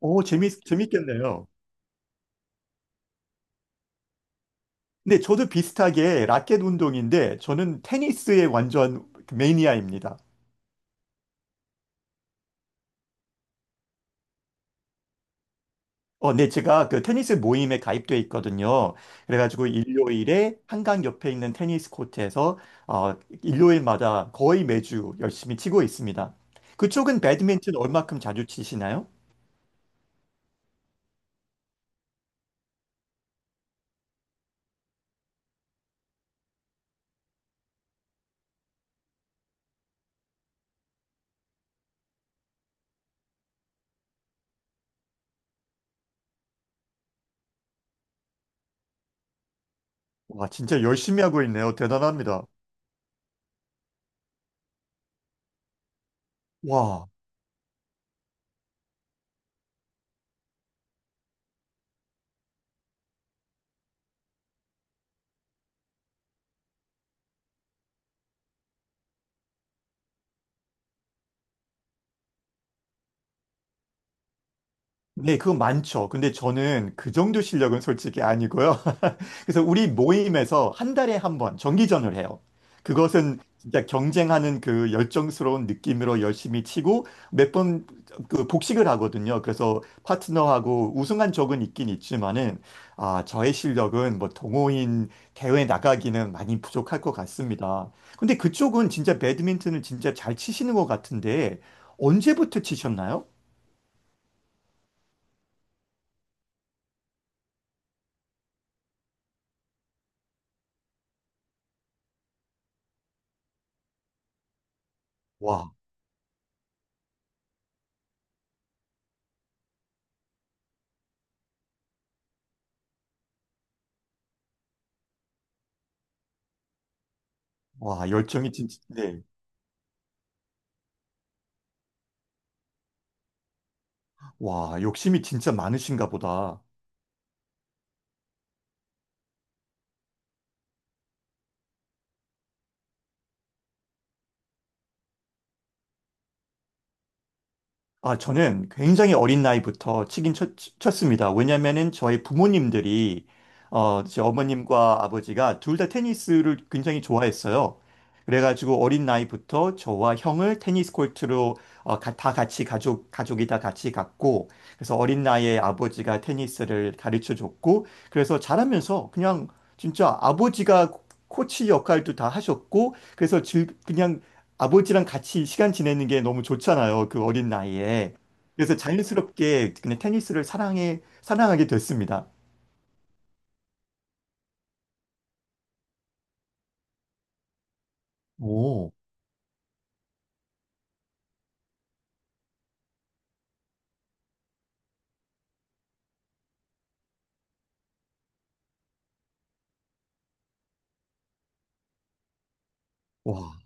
오, 재밌겠네요. 근데 저도 비슷하게 라켓 운동인데 저는 테니스의 완전 그 매니아입니다. 네, 제가 그 테니스 모임에 가입돼 있거든요. 그래가지고 일요일에 한강 옆에 있는 테니스 코트에서 어, 일요일마다 거의 매주 열심히 치고 있습니다. 그쪽은 배드민턴 얼마큼 자주 치시나요? 와, 진짜 열심히 하고 있네요. 대단합니다. 와. 네, 그건 많죠. 근데 저는 그 정도 실력은 솔직히 아니고요. 그래서 우리 모임에서 한 달에 한 번 정기전을 해요. 그것은 진짜 경쟁하는 그 열정스러운 느낌으로 열심히 치고 몇 번 그 복식을 하거든요. 그래서 파트너하고 우승한 적은 있긴 있지만은, 아, 저의 실력은 뭐 동호인 대회 나가기는 많이 부족할 것 같습니다. 근데 그쪽은 진짜 배드민턴을 진짜 잘 치시는 것 같은데 언제부터 치셨나요? 와, 열정이 진짜, 네. 와, 욕심이 진짜 많으신가 보다. 아, 저는 굉장히 어린 나이부터 습니다. 왜냐면은 저희 부모님들이, 제 어머님과 아버지가 둘 다 테니스를 굉장히 좋아했어요. 그래가지고 어린 나이부터 저와 형을 테니스 코트로 다 같이 가족이 다 같이 갔고, 그래서 어린 나이에 아버지가 테니스를 가르쳐 줬고, 그래서 자라면서 그냥 진짜 아버지가 코치 역할도 다 하셨고, 그래서 그냥 아버지랑 같이 시간 지내는 게 너무 좋잖아요. 그 어린 나이에. 그래서 자연스럽게 그냥 사랑하게 됐습니다. 오, 와,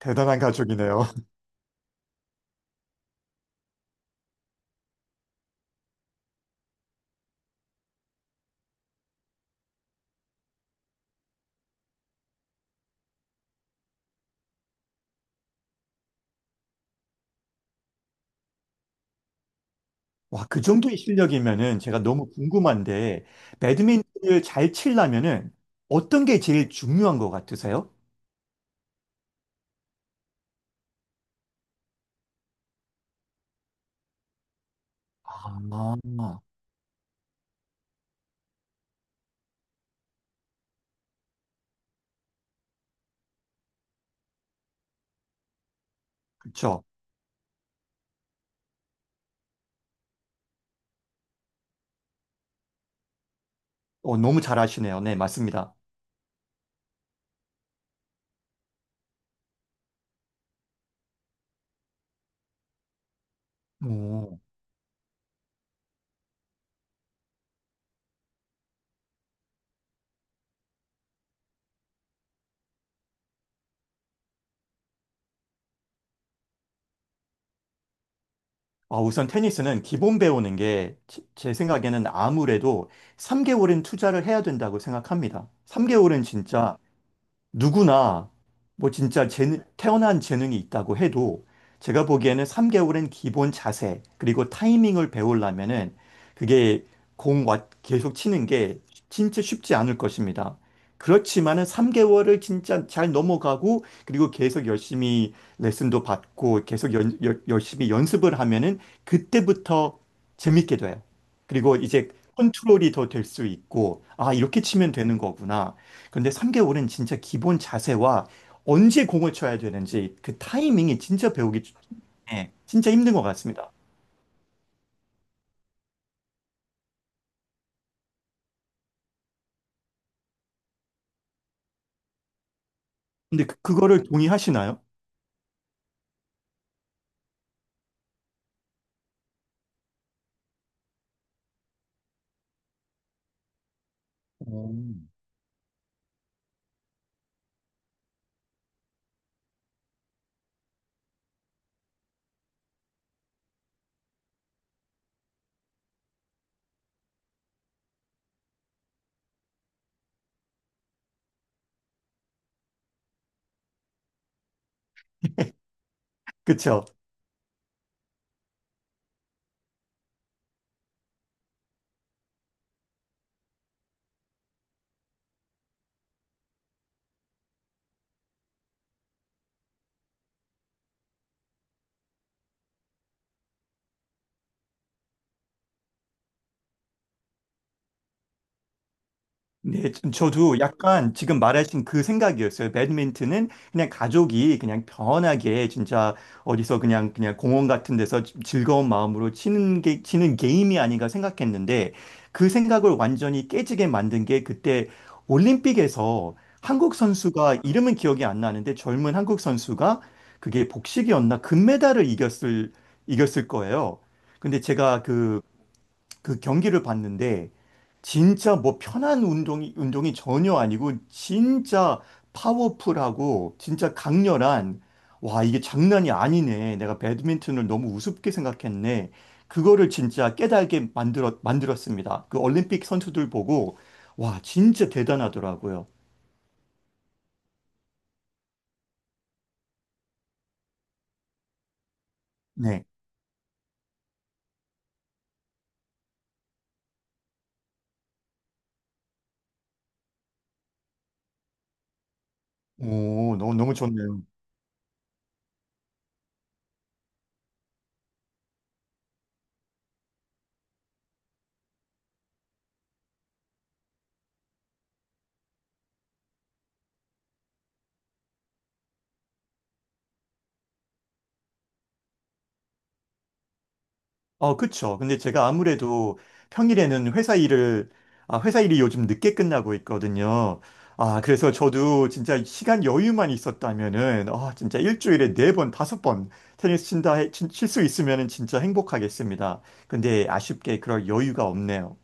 대단한 가족이네요. 와, 그 정도의 실력이면은 제가 너무 궁금한데, 배드민턴을 잘 치려면은 어떤 게 제일 중요한 것 같으세요? 아, 그렇죠. 어, 너무 잘하시네요. 네, 맞습니다. 오. 아, 우선 테니스는 기본 배우는 게 제 생각에는 아무래도 3개월은 투자를 해야 된다고 생각합니다. 3개월은 진짜 누구나 뭐 진짜 태어난 재능이 있다고 해도 제가 보기에는 3개월은 기본 자세 그리고 타이밍을 배우려면은 그게 계속 치는 게 진짜 쉽지 않을 것입니다. 그렇지만은 3개월을 진짜 잘 넘어가고 그리고 계속 열심히 레슨도 받고 계속 열심히 연습을 하면은 그때부터 재밌게 돼요. 그리고 이제 컨트롤이 더 될 수 있고, 아, 이렇게 치면 되는 거구나. 그런데 3개월은 진짜 기본 자세와 언제 공을 쳐야 되는지 그 타이밍이 진짜 배우기, 네, 진짜 힘든 것 같습니다. 근데 그거를 동의하시나요? 음. 그쵸? 네, 저도 약간 지금 말하신 그 생각이었어요. 배드민턴은 그냥 가족이 그냥 편하게 진짜 어디서 그냥 그냥 공원 같은 데서 즐거운 마음으로 치는 게임이 아닌가 생각했는데 그 생각을 완전히 깨지게 만든 게 그때 올림픽에서 한국 선수가 이름은 기억이 안 나는데 젊은 한국 선수가 그게 복식이었나 금메달을 이겼을 거예요. 근데 제가 그 경기를 봤는데 진짜 뭐 편한 운동이 전혀 아니고 진짜 파워풀하고 진짜 강렬한, 와, 이게 장난이 아니네. 내가 배드민턴을 너무 우습게 생각했네. 그거를 진짜 깨달게 만들었 만들었습니다. 그 올림픽 선수들 보고, 와, 진짜 대단하더라고요. 네. 오, 너무 너무 좋네요. 어, 그쵸. 근데 제가 아무래도 평일에는 회사 일이 요즘 늦게 끝나고 있거든요. 아, 그래서 저도 진짜 시간 여유만 있었다면은, 아, 진짜 일주일에 네 번, 다섯 번 칠 수 있으면은 진짜 행복하겠습니다. 근데 아쉽게 그럴 여유가 없네요.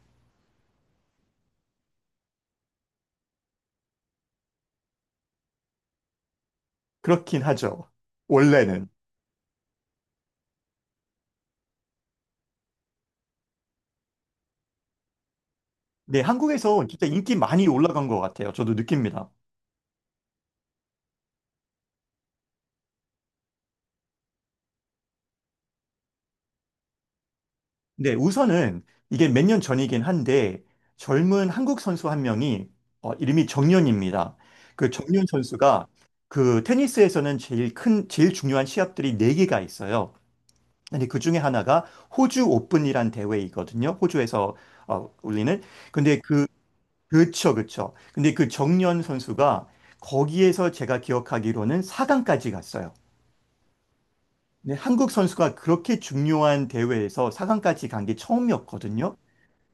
그렇긴 하죠. 원래는. 네, 한국에서 진짜 인기 많이 올라간 것 같아요. 저도 느낍니다. 네, 우선은 이게 몇 년 전이긴 한데 젊은 한국 선수 한 명이, 어, 이름이 정연입니다. 그 정연 선수가 그 테니스에서는 제일 중요한 시합들이 네개가 있어요. 근데 그 중에 하나가 호주 오픈이란 대회이거든요. 호주에서 올리는. 근데 그, 그쵸, 근데 그 정연 선수가 거기에서 제가 기억하기로는 4강까지 갔어요. 네, 한국 선수가 그렇게 중요한 대회에서 4강까지 간 게 처음이었거든요.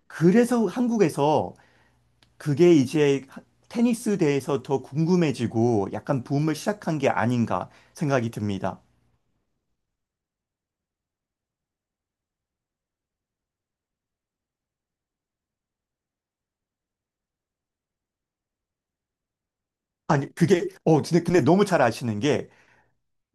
그래서 한국에서 그게 이제 테니스 대해서 더 궁금해지고 약간 붐을 시작한 게 아닌가 생각이 듭니다. 아니, 그게, 근데 너무 잘 아시는 게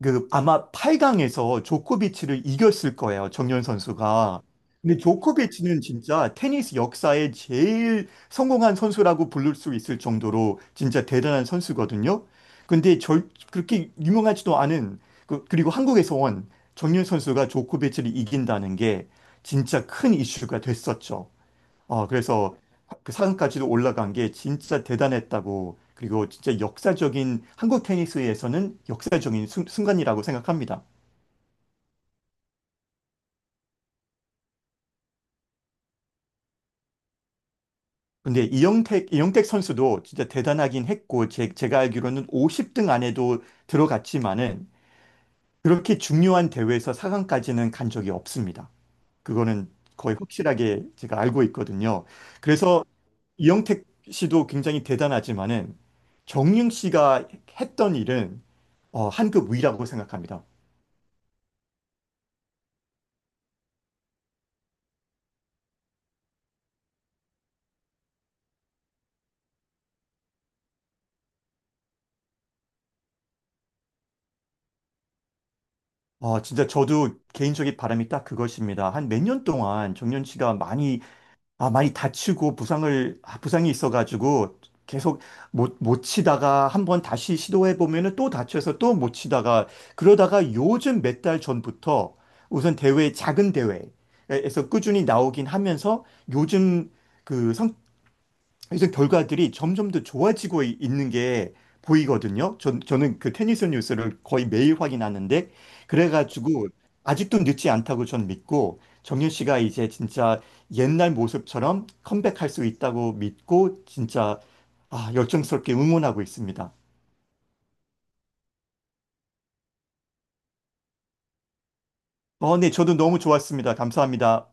그 아마 8강에서 조코비치를 이겼을 거예요. 정연 선수가. 근데 조코비치는 진짜 테니스 역사에 제일 성공한 선수라고 부를 수 있을 정도로 진짜 대단한 선수거든요. 근데 절 그렇게 유명하지도 않은 그리고 한국에서 온 정연 선수가 조코비치를 이긴다는 게 진짜 큰 이슈가 됐었죠. 어, 그래서 그강까지도 올라간 게 진짜 대단했다고, 그리고 진짜 역사적인, 한국 테니스에서는 역사적인 순간이라고 생각합니다. 근데 이영택 선수도 진짜 대단하긴 했고, 제가 알기로는 50등 안에도 들어갔지만은, 그렇게 중요한 대회에서 4강까지는 간 적이 없습니다. 그거는 거의 확실하게 제가 알고 있거든요. 그래서 이영택 씨도 굉장히 대단하지만은 정윤 씨가 했던 일은, 어, 한 급 위라고 생각합니다. 어, 진짜 저도 개인적인 바람이 딱 그것입니다. 한 몇 년 동안 정윤 씨가 많이, 아, 많이 부상이 있어가지고 계속 못 치다가 한번 다시 시도해보면은 또 다쳐서 또 못 치다가, 그러다가 요즘 몇 달 전부터 우선 대회, 작은 대회에서 꾸준히 나오긴 하면서 요즘 그 성, 이래 결과들이 점점 더 좋아지고 있는 게 보이거든요. 저는 그 테니스 뉴스를 거의 매일 확인하는데, 그래가지고 아직도 늦지 않다고 전 믿고, 정윤 씨가 이제 진짜 옛날 모습처럼 컴백할 수 있다고 믿고, 진짜, 아, 열정스럽게 응원하고 있습니다. 어, 네, 저도 너무 좋았습니다. 감사합니다.